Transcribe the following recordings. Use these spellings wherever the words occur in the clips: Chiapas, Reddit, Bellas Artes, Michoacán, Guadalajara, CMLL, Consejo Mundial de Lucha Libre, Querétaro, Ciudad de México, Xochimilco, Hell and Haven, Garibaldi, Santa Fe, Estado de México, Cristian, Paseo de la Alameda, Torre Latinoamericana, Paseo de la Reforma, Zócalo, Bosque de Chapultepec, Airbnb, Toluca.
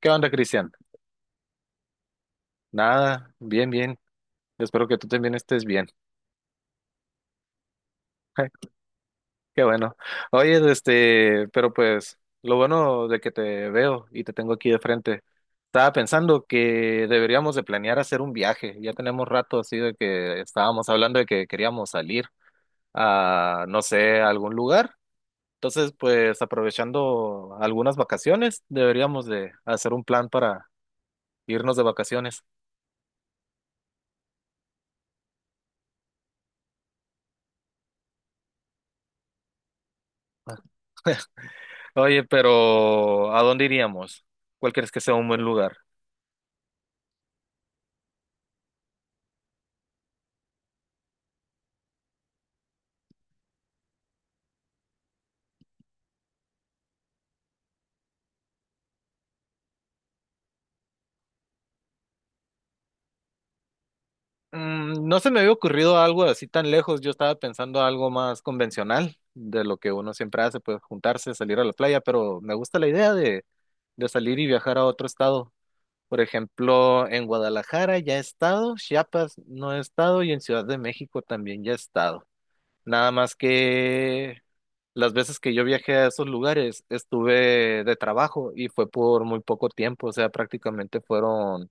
¿Qué onda, Cristian? Nada, bien, bien. Espero que tú también estés bien. Qué bueno. Oye, pero pues lo bueno de que te veo y te tengo aquí de frente. Estaba pensando que deberíamos de planear hacer un viaje. Ya tenemos rato así de que estábamos hablando de que queríamos salir a, no sé, a algún lugar. Entonces, pues aprovechando algunas vacaciones, deberíamos de hacer un plan para irnos de vacaciones. Oye, pero ¿a dónde iríamos? ¿Cuál crees que sea un buen lugar? Mm, no se me había ocurrido algo así tan lejos. Yo estaba pensando algo más convencional de lo que uno siempre hace, pues juntarse, salir a la playa, pero me gusta la idea de salir y viajar a otro estado. Por ejemplo, en Guadalajara ya he estado, Chiapas no he estado y en Ciudad de México también ya he estado. Nada más que las veces que yo viajé a esos lugares estuve de trabajo y fue por muy poco tiempo, o sea, prácticamente fueron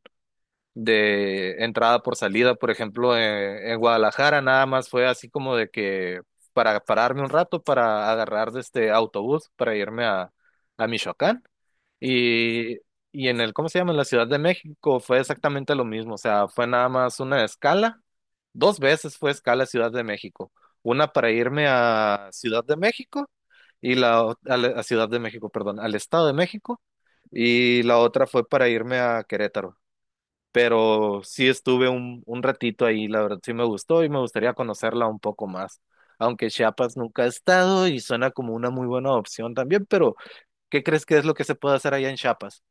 de entrada por salida. Por ejemplo, Guadalajara nada más fue así como de que para pararme un rato para agarrar de este autobús para irme a Michoacán. Y, y en el, ¿cómo se llama? En la Ciudad de México fue exactamente lo mismo, o sea, fue nada más una escala, dos veces fue escala Ciudad de México, una para irme a Ciudad de México y la o- a, la- a Ciudad de México, perdón, al Estado de México y la otra fue para irme a Querétaro, pero sí estuve un ratito ahí, la verdad sí me gustó y me gustaría conocerla un poco más. Aunque Chiapas nunca he estado y suena como una muy buena opción también, pero ¿qué crees que es lo que se puede hacer allá en Chiapas?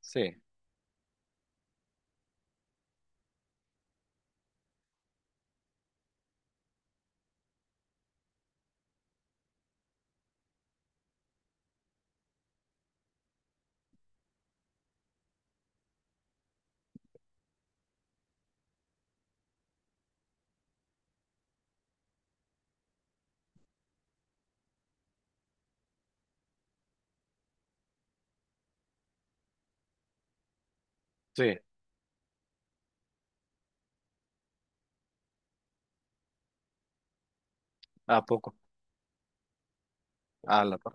Sí, sí, a poco, a la par.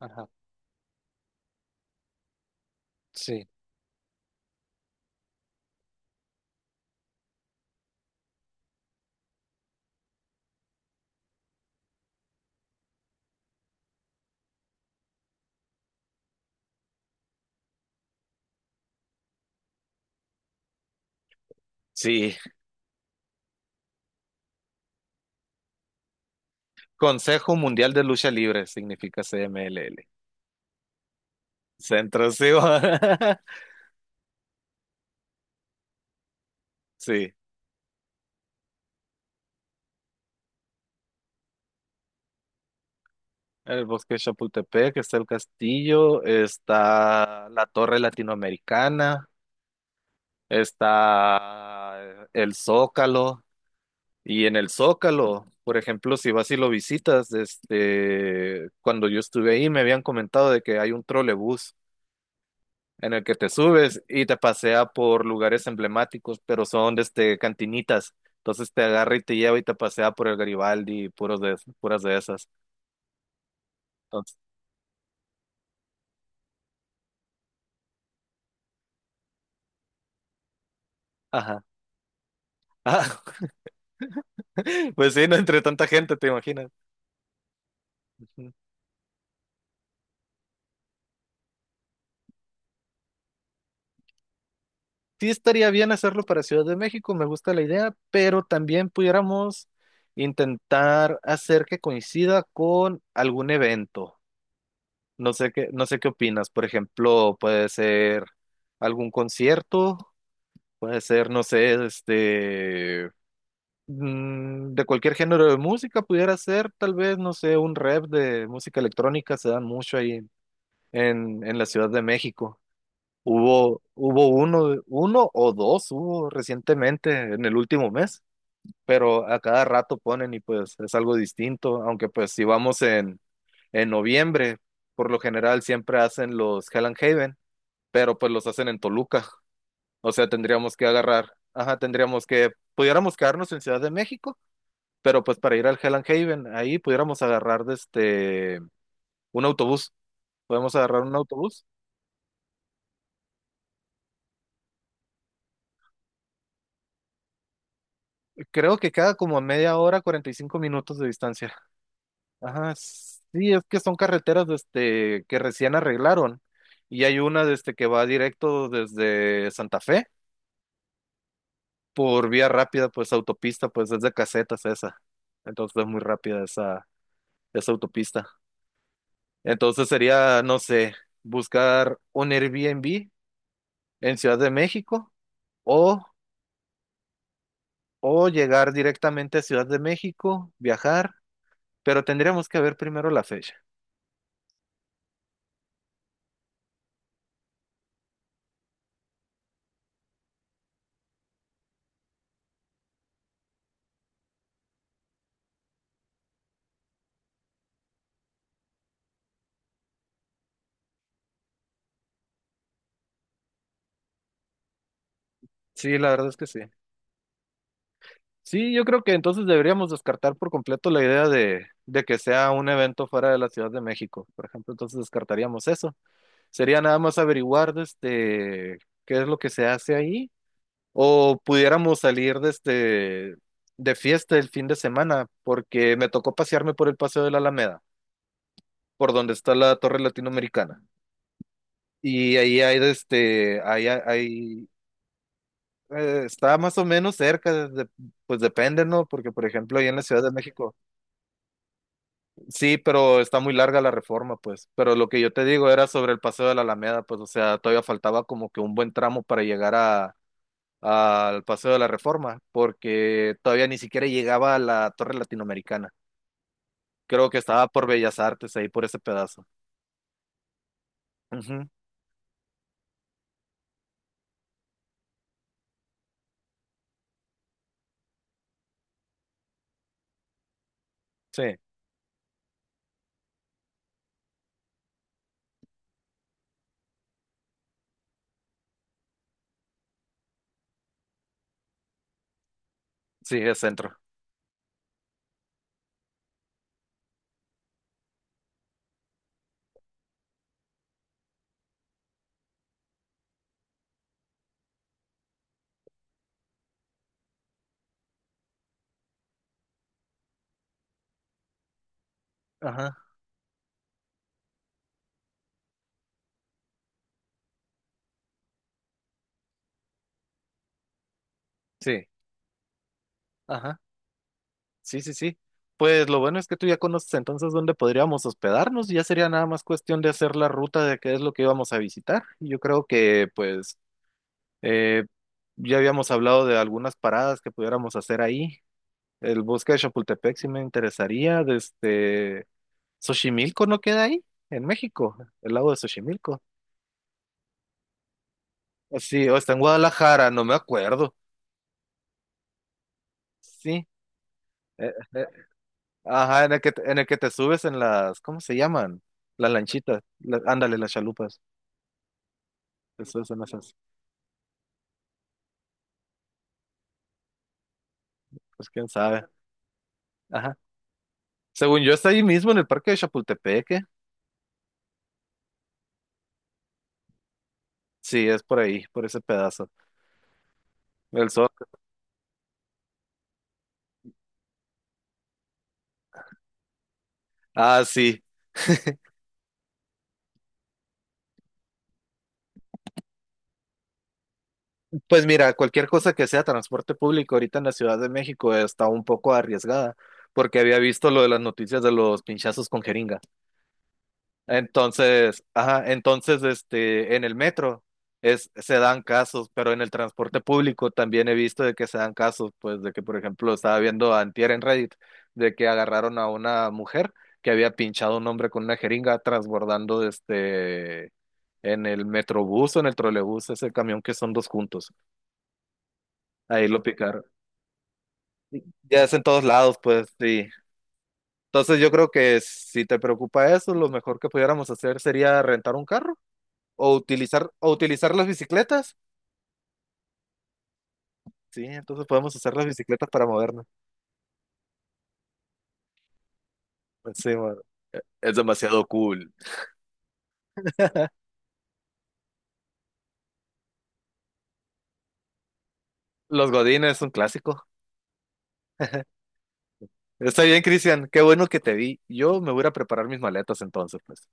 Ajá, sí. Sí, Consejo Mundial de Lucha Libre significa CMLL. Centro, sí. Sí, el Bosque de Chapultepec, está el castillo, está la Torre Latinoamericana, está el Zócalo. Y en el Zócalo, por ejemplo, si vas y lo visitas, cuando yo estuve ahí me habían comentado de que hay un trolebús en el que te subes y te pasea por lugares emblemáticos, pero son desde cantinitas. Entonces te agarra y te lleva y te pasea por el Garibaldi y puras de esas. Entonces, ajá. Ah, pues sí, no entre tanta gente, te imaginas. Ujú. Sí estaría bien hacerlo para Ciudad de México, me gusta la idea, pero también pudiéramos intentar hacer que coincida con algún evento. No sé qué opinas. Por ejemplo, puede ser algún concierto. Puede ser, no sé, mm, de cualquier género de música pudiera ser, tal vez, no sé, un rap de música electrónica, se dan mucho ahí en la Ciudad de México. Hubo uno o dos, hubo recientemente en el último mes, pero a cada rato ponen y pues es algo distinto, aunque pues si vamos en noviembre, por lo general siempre hacen los Hell and Haven, pero pues los hacen en Toluca. O sea, tendríamos que agarrar, ajá, tendríamos que, pudiéramos quedarnos en Ciudad de México, pero pues para ir al Hell and Haven, ahí pudiéramos agarrar un autobús. Podemos agarrar un autobús. Creo que queda como a media hora, 45 minutos de distancia. Ajá, sí, es que son carreteras que recién arreglaron. Y hay una que va directo desde Santa Fe por vía rápida, pues autopista, pues es de casetas esa. Entonces es muy rápida esa autopista. Entonces sería, no sé, buscar un Airbnb en Ciudad de México o, o llegar directamente a Ciudad de México, viajar, pero tendríamos que ver primero la fecha. Sí, la verdad es que sí. Sí, yo creo que entonces deberíamos descartar por completo la idea de que sea un evento fuera de la Ciudad de México, por ejemplo, entonces descartaríamos eso. Sería nada más averiguar qué es lo que se hace ahí. O pudiéramos salir desde de fiesta el fin de semana, porque me tocó pasearme por el Paseo de la Alameda, por donde está la Torre Latinoamericana. Y ahí hay hay, está más o menos cerca, pues depende, ¿no? Porque, por ejemplo, ahí en la Ciudad de México, sí, pero está muy larga la reforma, pues. Pero lo que yo te digo era sobre el Paseo de la Alameda, pues, o sea, todavía faltaba como que un buen tramo para llegar al Paseo de la Reforma, porque todavía ni siquiera llegaba a la Torre Latinoamericana. Creo que estaba por Bellas Artes, ahí por ese pedazo. Ujú, sí, sí, es centro. Ajá, sí, ajá, sí, sí, sí. Pues lo bueno es que tú ya conoces entonces dónde podríamos hospedarnos, ya sería nada más cuestión de hacer la ruta de qué es lo que íbamos a visitar. Y yo creo que pues eh, ya habíamos hablado de algunas paradas que pudiéramos hacer ahí. El bosque de Chapultepec sí me interesaría, desde Xochimilco no queda ahí, en México, el lago de Xochimilco. Sí, o está en Guadalajara, no me acuerdo. Sí, eh, eh, ajá, en en el que te subes en las, ¿cómo se llaman? Las lanchitas, ándale, las chalupas. Te subes en esas, pues quién sabe. Ajá. Según yo, está ahí mismo en el parque de Chapultepec. ¿Eh? Sí, es por ahí, por ese pedazo. El sol. Ah, sí. Pues mira, cualquier cosa que sea transporte público ahorita en la Ciudad de México está un poco arriesgada, porque había visto lo de las noticias de los pinchazos con jeringas. Entonces, ajá, entonces, en el metro es, se dan casos, pero en el transporte público también he visto de que se dan casos, pues de que, por ejemplo, estaba viendo antier en Reddit de que agarraron a una mujer que había pinchado a un hombre con una jeringa transbordando en el metrobús o en el trolebús, ese camión que son dos juntos. Ahí lo picaron. Ya es en todos lados, pues sí. Entonces yo creo que si te preocupa eso, lo mejor que pudiéramos hacer sería rentar un carro. O utilizar las bicicletas. Sí, entonces podemos usar las bicicletas para movernos. Sí, bueno, es demasiado cool. Los godines es un clásico. Está bien, Cristian. Qué bueno que te vi. Yo me voy a ir a preparar mis maletas entonces, pues.